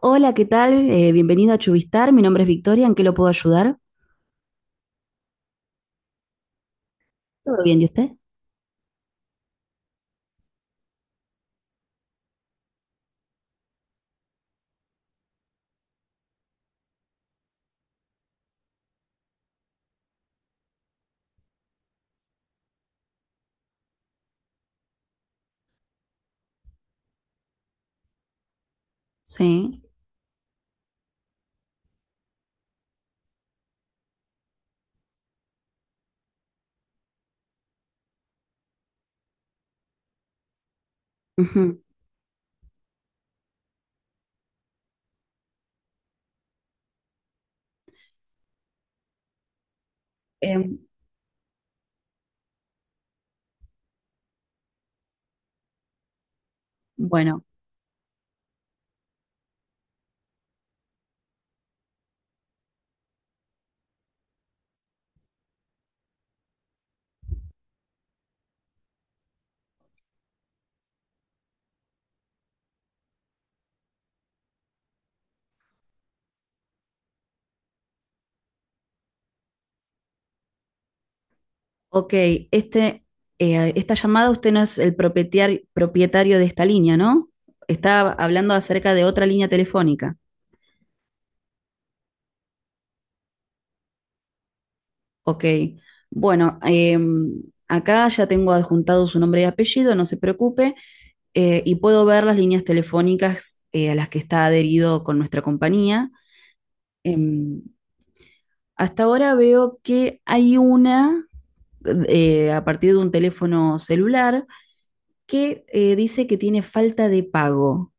Hola, ¿qué tal? Bienvenido a Chubistar. Mi nombre es Victoria. ¿En qué lo puedo ayudar? ¿Todo bien? ¿Y usted? Sí. Ujú. Em, bueno, ok. Este, esta llamada, usted no es el propietario de esta línea, ¿no? Está hablando acerca de otra línea telefónica. Ok. Bueno, acá ya tengo adjuntado su nombre y apellido, no se preocupe. Y puedo ver las líneas telefónicas a las que está adherido con nuestra compañía. Em, Hasta ahora veo que hay una a partir de un teléfono celular que dice que tiene falta de pago.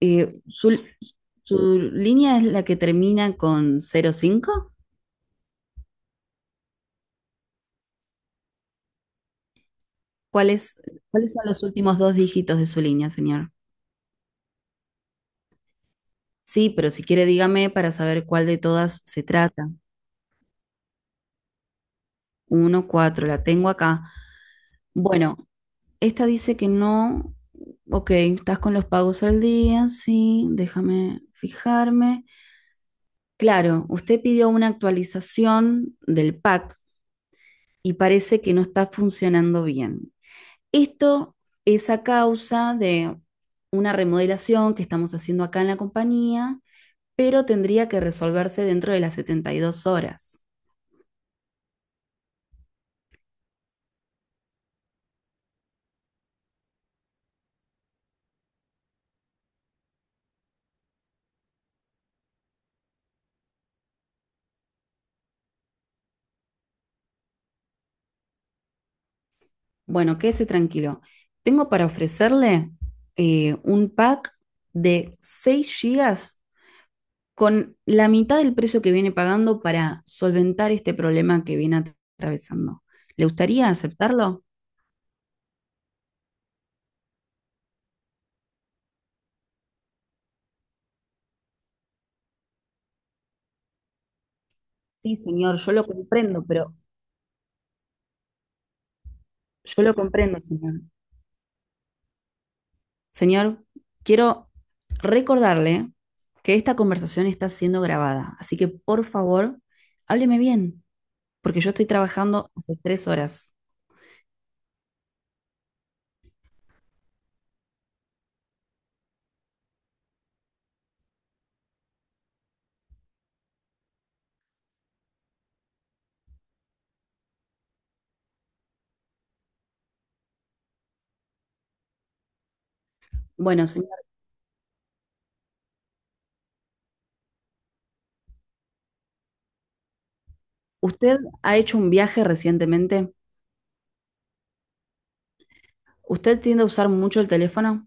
Eh, su, su línea es la que termina con 05? ¿Cuál es- ¿Cuáles son los últimos dos dígitos de su línea, señor? Sí, pero si quiere dígame para saber cuál de todas se trata. Uno, cuatro, la tengo acá. Bueno, esta dice que no. Ok, estás con los pagos al día, sí, déjame fijarme. Claro, usted pidió una actualización del pack y parece que no está funcionando bien. Esto es a causa de una remodelación que estamos haciendo acá en la compañía, pero tendría que resolverse dentro de las 72 horas. Bueno, quédese tranquilo. Tengo para ofrecerle un pack de 6 gigas con la mitad del precio que viene pagando para solventar este problema que viene atravesando. ¿Le gustaría aceptarlo? Sí, señor, yo lo comprendo, pero yo lo comprendo, señor. Señor, quiero recordarle que esta conversación está siendo grabada, así que por favor, hábleme bien, porque yo estoy trabajando hace 3 horas. Bueno, señor, ¿usted ha hecho un viaje recientemente? ¿Usted tiende a usar mucho el teléfono?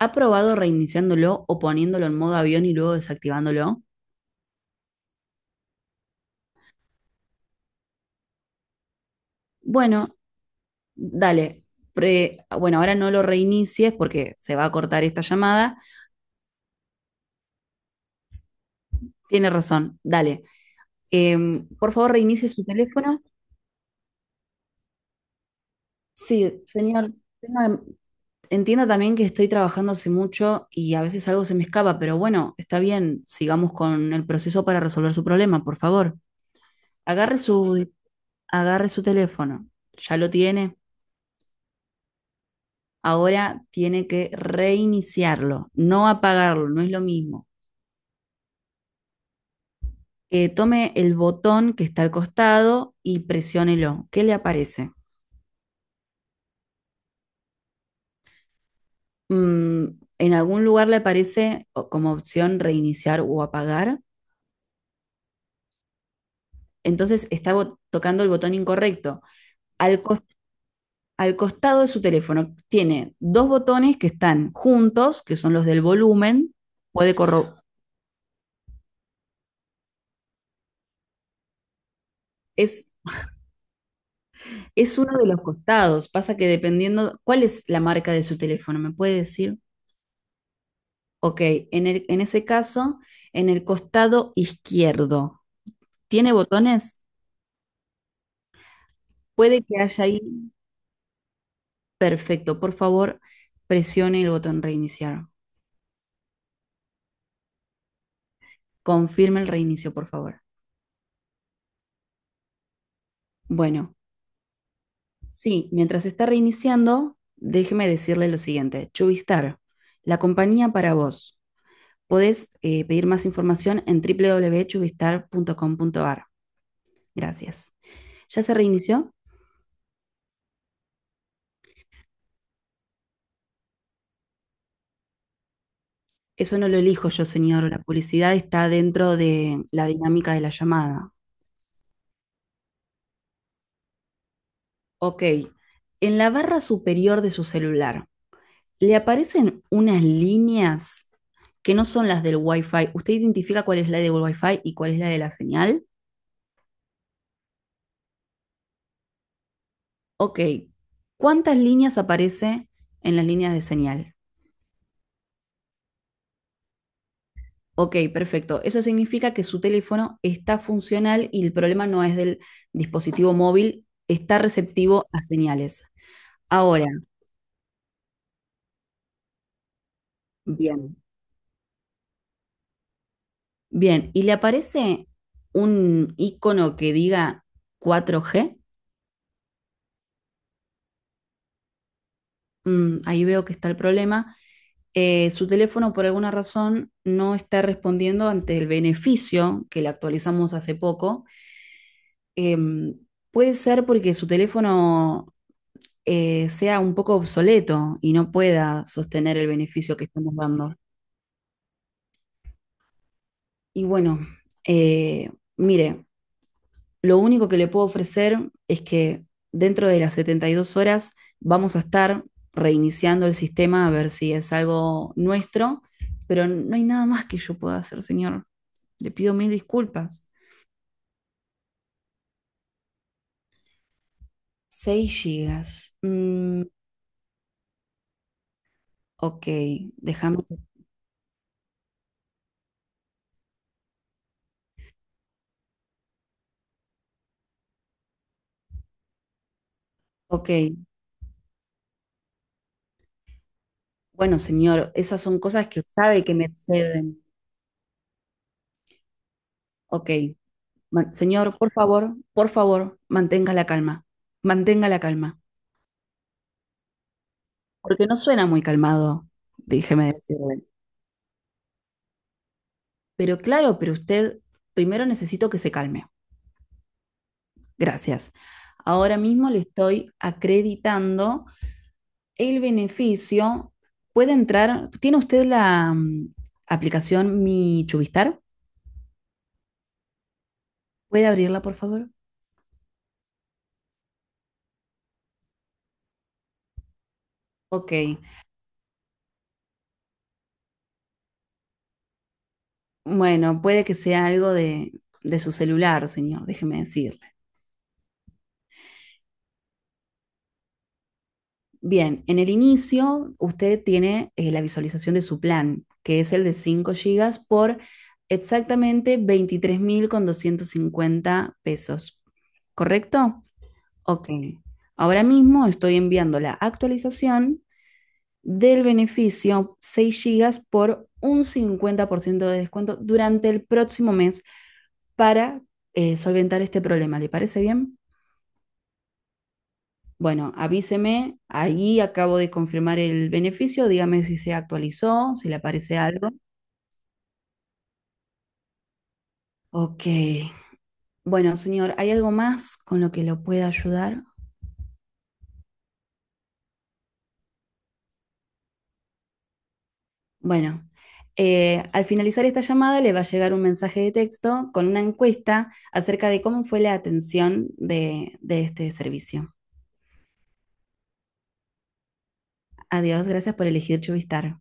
¿Ha probado reiniciándolo o poniéndolo en modo avión y luego desactivándolo? Bueno, dale. Bueno, ahora no lo reinicies porque se va a cortar esta llamada. Tiene razón, dale. Por favor, reinicie su teléfono. Sí, señor. tenga- Entienda también que estoy trabajando hace mucho y a veces algo se me escapa, pero bueno, está bien. Sigamos con el proceso para resolver su problema, por favor. Agarre su, agarre su teléfono. ¿Ya lo tiene? Ahora tiene que reiniciarlo, no apagarlo, no es lo mismo. Tome el botón que está al costado y presiónelo. ¿Qué le aparece? Mm, en algún lugar le aparece como opción reiniciar o apagar. Entonces está tocando el botón incorrecto. Al, cos- al costado de su teléfono tiene dos botones que están juntos, que son los del volumen. Puede corro- es es uno de los costados. Pasa que dependiendo, ¿cuál es la marca de su teléfono? ¿Me puede decir? Ok, en ese caso, en el costado izquierdo, ¿tiene botones? Puede que haya ahí. Perfecto, por favor, presione el botón reiniciar. Confirme el reinicio, por favor. Bueno, sí, mientras está reiniciando, déjeme decirle lo siguiente. Chubistar, la compañía para vos. Podés pedir más información en www.chubistar.com.ar. Gracias. ¿Ya se reinició? Eso no lo elijo yo, señor. La publicidad está dentro de la dinámica de la llamada. Ok. En la barra superior de su celular, le aparecen unas líneas que no son las del Wi-Fi. ¿Usted identifica cuál es la del Wi-Fi y cuál es la de la señal? Ok. ¿Cuántas líneas aparece en las líneas de señal? Ok, perfecto. Eso significa que su teléfono está funcional y el problema no es del dispositivo móvil, está receptivo a señales. Ahora, bien. Bien, ¿y le aparece un icono que diga 4G? Ahí veo que está el problema. Su teléfono por alguna razón no está respondiendo ante el beneficio que le actualizamos hace poco. Em, Puede ser porque su teléfono sea un poco obsoleto y no pueda sostener el beneficio que estamos dando. Y bueno, eh, mire, lo único que le puedo ofrecer es que dentro de las 72 horas vamos a estar reiniciando el sistema a ver si es algo nuestro, pero no hay nada más que yo pueda hacer, señor. Le pido mil disculpas. 6 gigas. Mm, ok, déjame. Ok, bueno, señor, esas son cosas que sabe que me exceden. Ok, señor, por favor, mantenga la calma. Mantenga la calma, porque no suena muy calmado, déjeme decirle. Pero claro, pero usted, primero necesito que se calme. Gracias. Ahora mismo le estoy acreditando el beneficio. Puede entrar, ¿tiene usted la aplicación Mi Chubistar? ¿Puede abrirla, por favor? Ok. Bueno, puede que sea algo de, su celular, señor, déjeme decir. Bien, en el inicio usted tiene la visualización de su plan, que es el de 5 gigas por exactamente 23.250 pesos. ¿Correcto? Ok. Ahora mismo estoy enviando la actualización del beneficio 6 gigas por un 50% de descuento durante el próximo mes para solventar este problema. ¿Le parece bien? Bueno, avíseme, ahí acabo de confirmar el beneficio, dígame si se actualizó, si le aparece algo. Ok. Bueno, señor, ¿hay algo más con lo que lo pueda ayudar? Bueno, al finalizar esta llamada le va a llegar un mensaje de texto con una encuesta acerca de cómo fue la atención de este servicio. Adiós, gracias por elegir Chuvistar.